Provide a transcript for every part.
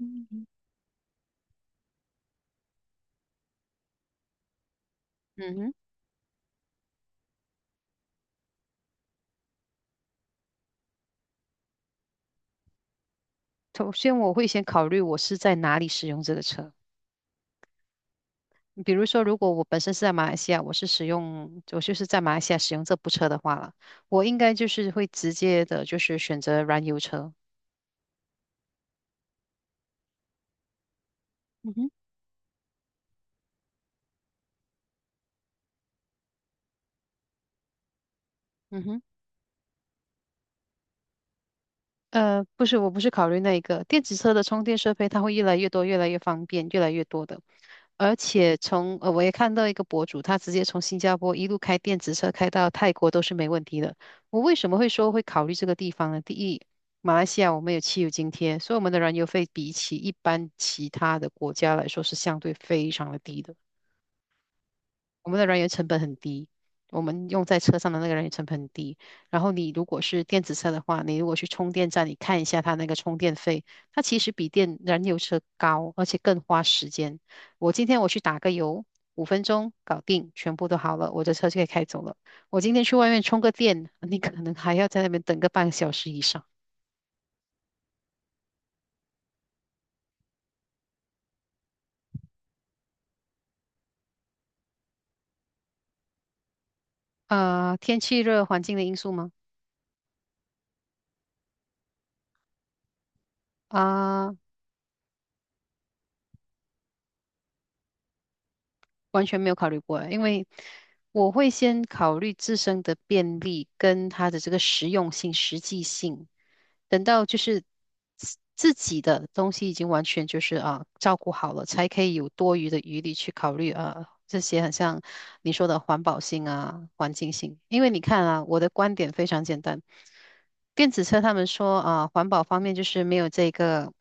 嗯嗯哼，首先我会先考虑我是在哪里使用这个车。比如说，如果我本身是在马来西亚，我就是在马来西亚使用这部车的话了，我应该就是会直接的，就是选择燃油车。嗯哼，嗯哼。不是，我不是考虑那一个电子车的充电设备，它会越来越多，越来越方便，越来越多的。而且我也看到一个博主，他直接从新加坡一路开电子车开到泰国都是没问题的。我为什么会说会考虑这个地方呢？第一，马来西亚我们有汽油津贴，所以我们的燃油费比起一般其他的国家来说是相对非常的低的。我们的人员成本很低，我们用在车上的那个人员成本很低。然后你如果是电子车的话，你如果去充电站，你看一下它那个充电费，它其实比电燃油车高，而且更花时间。我今天去打个油，5分钟搞定，全部都好了，我的车就可以开走了。我今天去外面充个电，你可能还要在那边等个半个小时以上。啊、天气热环境的因素吗？啊、完全没有考虑过欸，因为我会先考虑自身的便利跟它的这个实用性、实际性，等到就是自己的东西已经完全就是啊照顾好了，才可以有多余的余力去考虑啊这些很像你说的环保性啊、环境性。因为你看啊，我的观点非常简单，电子车他们说啊，环保方面就是没有这个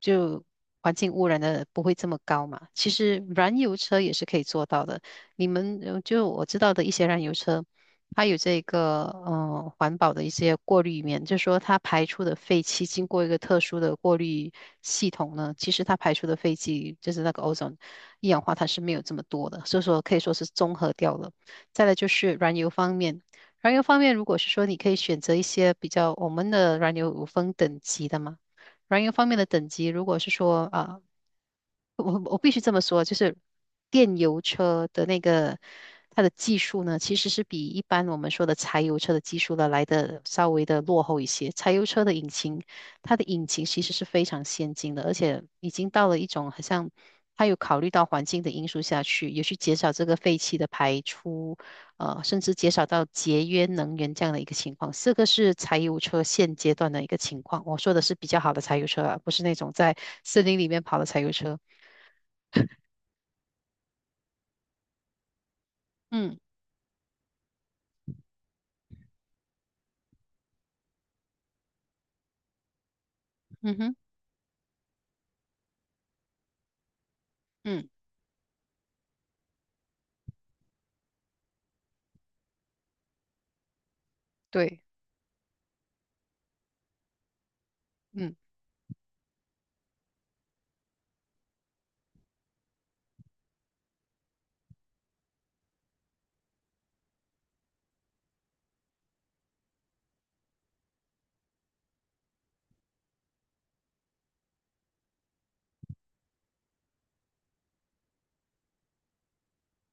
就。环境污染的不会这么高嘛？其实燃油车也是可以做到的，你们就我知道的一些燃油车，它有这个环保的一些过滤面，就是说它排出的废气经过一个特殊的过滤系统呢，其实它排出的废气就是那个 ozone 一氧化碳是没有这么多的，所以说可以说是综合掉了。再来就是燃油方面，燃油方面如果是说你可以选择一些比较我们的燃油有分等级的嘛。燃油方面的等级，如果是说啊、我必须这么说，就是电油车的那个它的技术呢，其实是比一般我们说的柴油车的技术呢来的稍微的落后一些。柴油车的引擎，它的引擎其实是非常先进的，而且已经到了一种好像它有考虑到环境的因素下去，有去减少这个废气的排出，甚至减少到节约能源这样的一个情况。这个是柴油车现阶段的一个情况。我说的是比较好的柴油车啊，不是那种在森林里面跑的柴油车。嗯嗯哼，嗯，对，嗯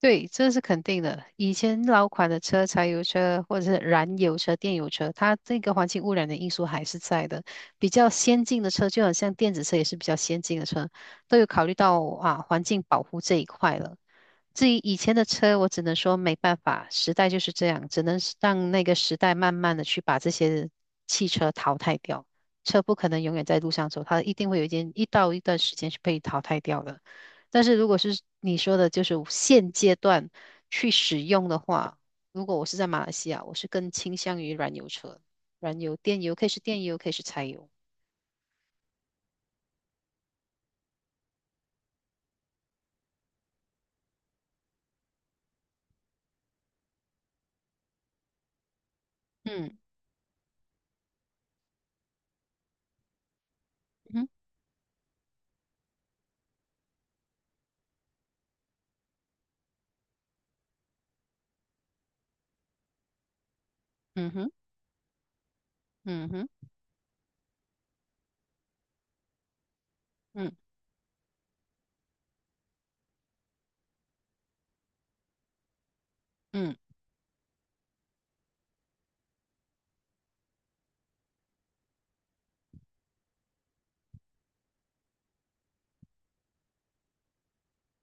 对，这是肯定的。以前老款的车，柴油车或者是燃油车、电油车，它这个环境污染的因素还是在的。比较先进的车，就好像电子车也是比较先进的车，都有考虑到啊环境保护这一块了。至于以前的车，我只能说没办法，时代就是这样，只能是让那个时代慢慢的去把这些汽车淘汰掉。车不可能永远在路上走，它一定会有一段时间是被淘汰掉的。但是如果是你说的，就是现阶段去使用的话，如果我是在马来西亚，我是更倾向于燃油车，燃油、电油，可以是电油，可以是柴油。嗯嗯哼嗯哼嗯哼嗯嗯，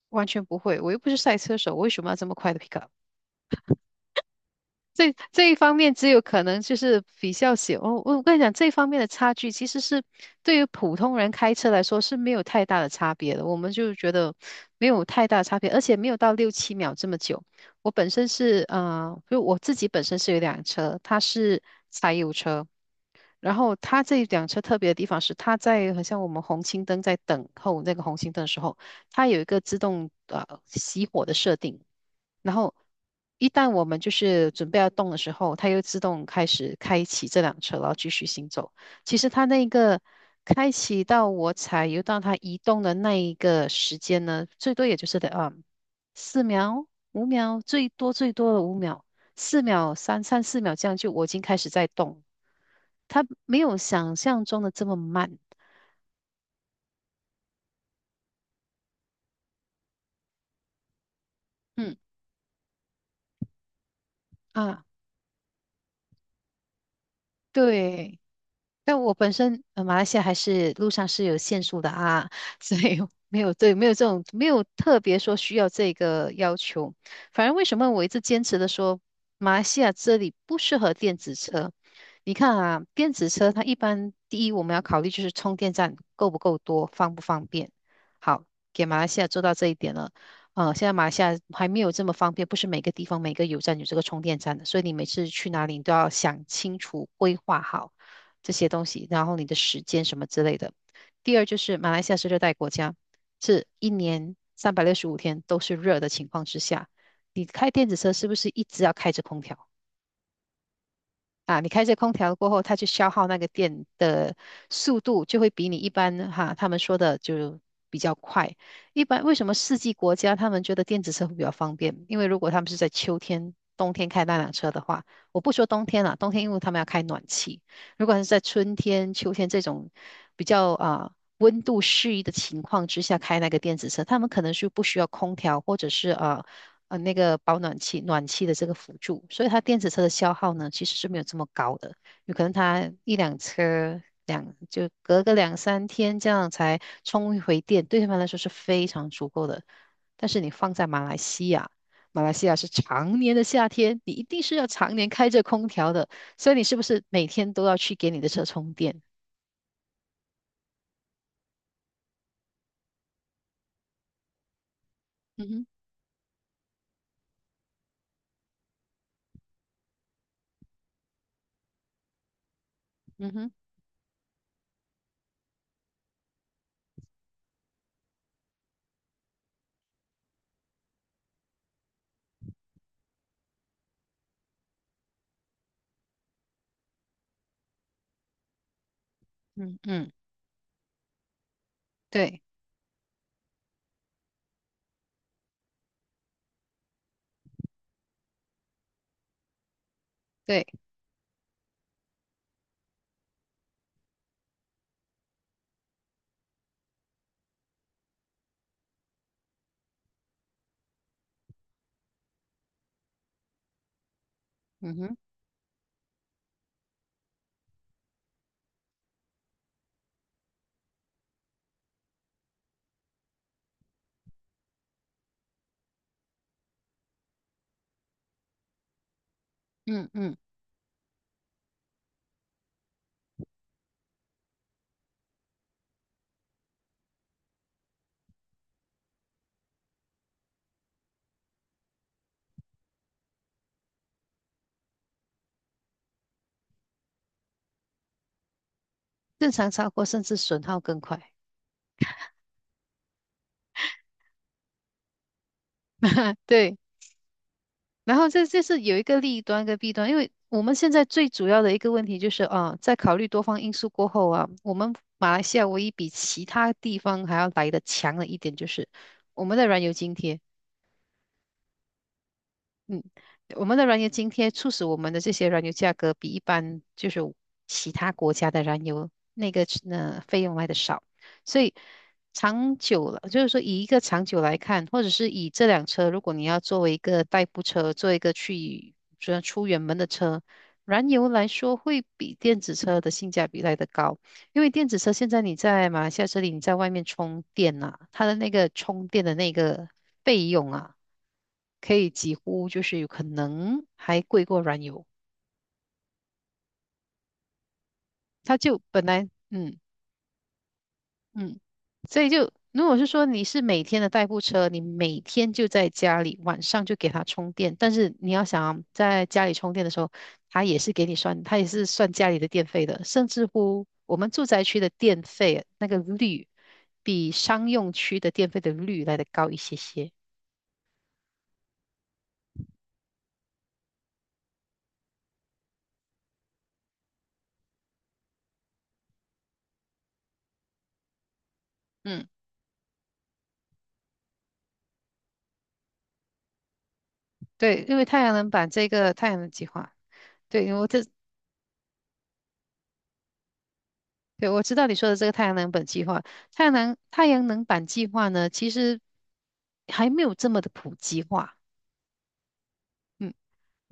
完全不会，我又不是赛车手，我为什么要这么快的 pick up？这一方面只有可能就是比较小。我跟你讲，这方面的差距其实是对于普通人开车来说是没有太大的差别的。我们就觉得没有太大差别，而且没有到六七秒这么久。我本身是呃，就我自己本身是有一辆车，它是柴油车。然后它这一辆车特别的地方是，它在好像我们红熄灯在等候那个红熄灯的时候，它有一个自动熄火的设定。然后一旦我们就是准备要动的时候，它又自动开始开启这辆车，然后继续行走。其实它那个开启到我踩油到它移动的那一个时间呢，最多也就是的啊四秒、五秒，最多最多的五秒，四秒、三四秒这样就我已经开始在动，它没有想象中的这么慢。嗯啊，对。但我本身马来西亚还是路上是有限速的啊，所以没有对，没有这种没有特别说需要这个要求。反正为什么我一直坚持的说马来西亚这里不适合电子车？你看啊，电子车它一般第一我们要考虑就是充电站够不够多，方不方便。好，给马来西亚做到这一点了。现在马来西亚还没有这么方便，不是每个地方每个有站有这个充电站的，所以你每次去哪里你都要想清楚、规划好。这些东西，然后你的时间什么之类的。第二就是马来西亚是热带国家，是一年365天都是热的情况之下，你开电子车是不是一直要开着空调？啊，你开着空调过后，它去消耗那个电的速度，就会比你一般哈，他们说的就比较快。一般为什么四季国家他们觉得电子车会比较方便？因为如果他们是在秋天、冬天开那辆车的话，我不说冬天了，冬天因为他们要开暖气。如果是在春天、秋天这种比较啊温度适宜的情况之下开那个电子车，他们可能是不需要空调，或者是啊。那个保暖器暖气的这个辅助，所以它电子车的消耗呢其实是没有这么高的，有可能它一辆车两就隔个两三天这样才充一回电，对他们来说是非常足够的。但是你放在马来西亚，马来西亚是常年的夏天，你一定是要常年开着空调的，所以你是不是每天都要去给你的车充电？嗯哼，嗯哼，嗯嗯，对对，嗯哼，嗯嗯，正常超过甚至损耗更快。对。然后这这是有一个利端跟弊端，因为我们现在最主要的一个问题就是啊，在考虑多方因素过后啊，我们马来西亚唯一比其他地方还要来的强的一点就是我们的燃油津贴。我们的燃油津贴促使我们的这些燃油价格比一般就是其他国家的燃油那个费用来的少，所以长久了，就是说以一个长久来看，或者是以这辆车，如果你要作为一个代步车，做一个去主要出远门的车，燃油来说会比电子车的性价比来的高，因为电子车现在你在马来西亚这里，你在外面充电啊，它的那个充电的那个费用啊。可以几乎就是有可能还贵过燃油。它就本来，嗯嗯，所以就如果是说你是每天的代步车，你每天就在家里，晚上就给它充电，但是你要想啊在家里充电的时候，它也是给你算，它也是算家里的电费的，甚至乎我们住宅区的电费那个率，比商用区的电费的率来的高一些些。嗯，对，因为太阳能板这个太阳能计划，对，因为这对，我知道你说的这个太阳能板计划，太阳能板计划呢，其实还没有这么的普及化。嗯，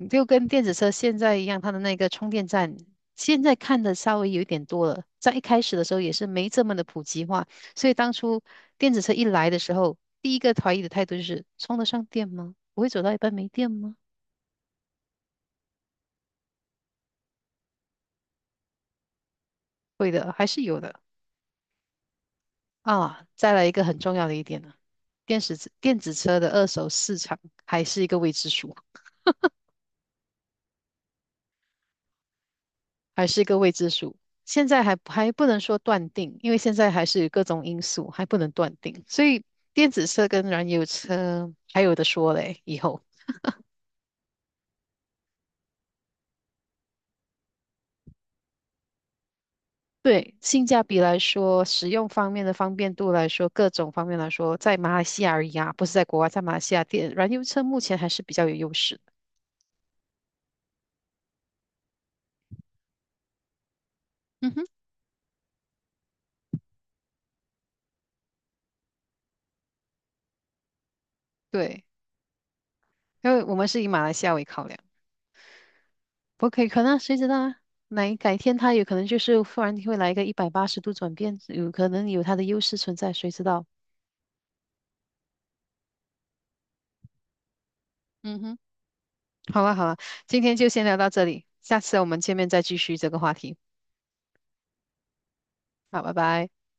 就跟电子车现在一样，它的那个充电站现在看的稍微有一点多了，在一开始的时候也是没这么的普及化，所以当初电子车一来的时候，第一个怀疑的态度就是充得上电吗？不会走到一半没电吗？会的，还是有的啊。再来一个很重要的一点呢，电子车的二手市场还是一个未知数。还是个未知数。现在还不能说断定，因为现在还是各种因素，还不能断定。所以电子车跟燃油车还有的说嘞，以后。对，性价比来说，使用方面的方便度来说，各种方面来说，在马来西亚而已啊，不是在国外，在马来西亚电燃油车目前还是比较有优势的。嗯哼，对，因为我们是以马来西亚为考量，不可以可能，谁知道啊？哪改天它有可能就是忽然会来一个180度转变，有可能有它的优势存在，谁知道？嗯哼，好了好了，今天就先聊到这里，下次我们见面再继续这个话题。好，拜拜。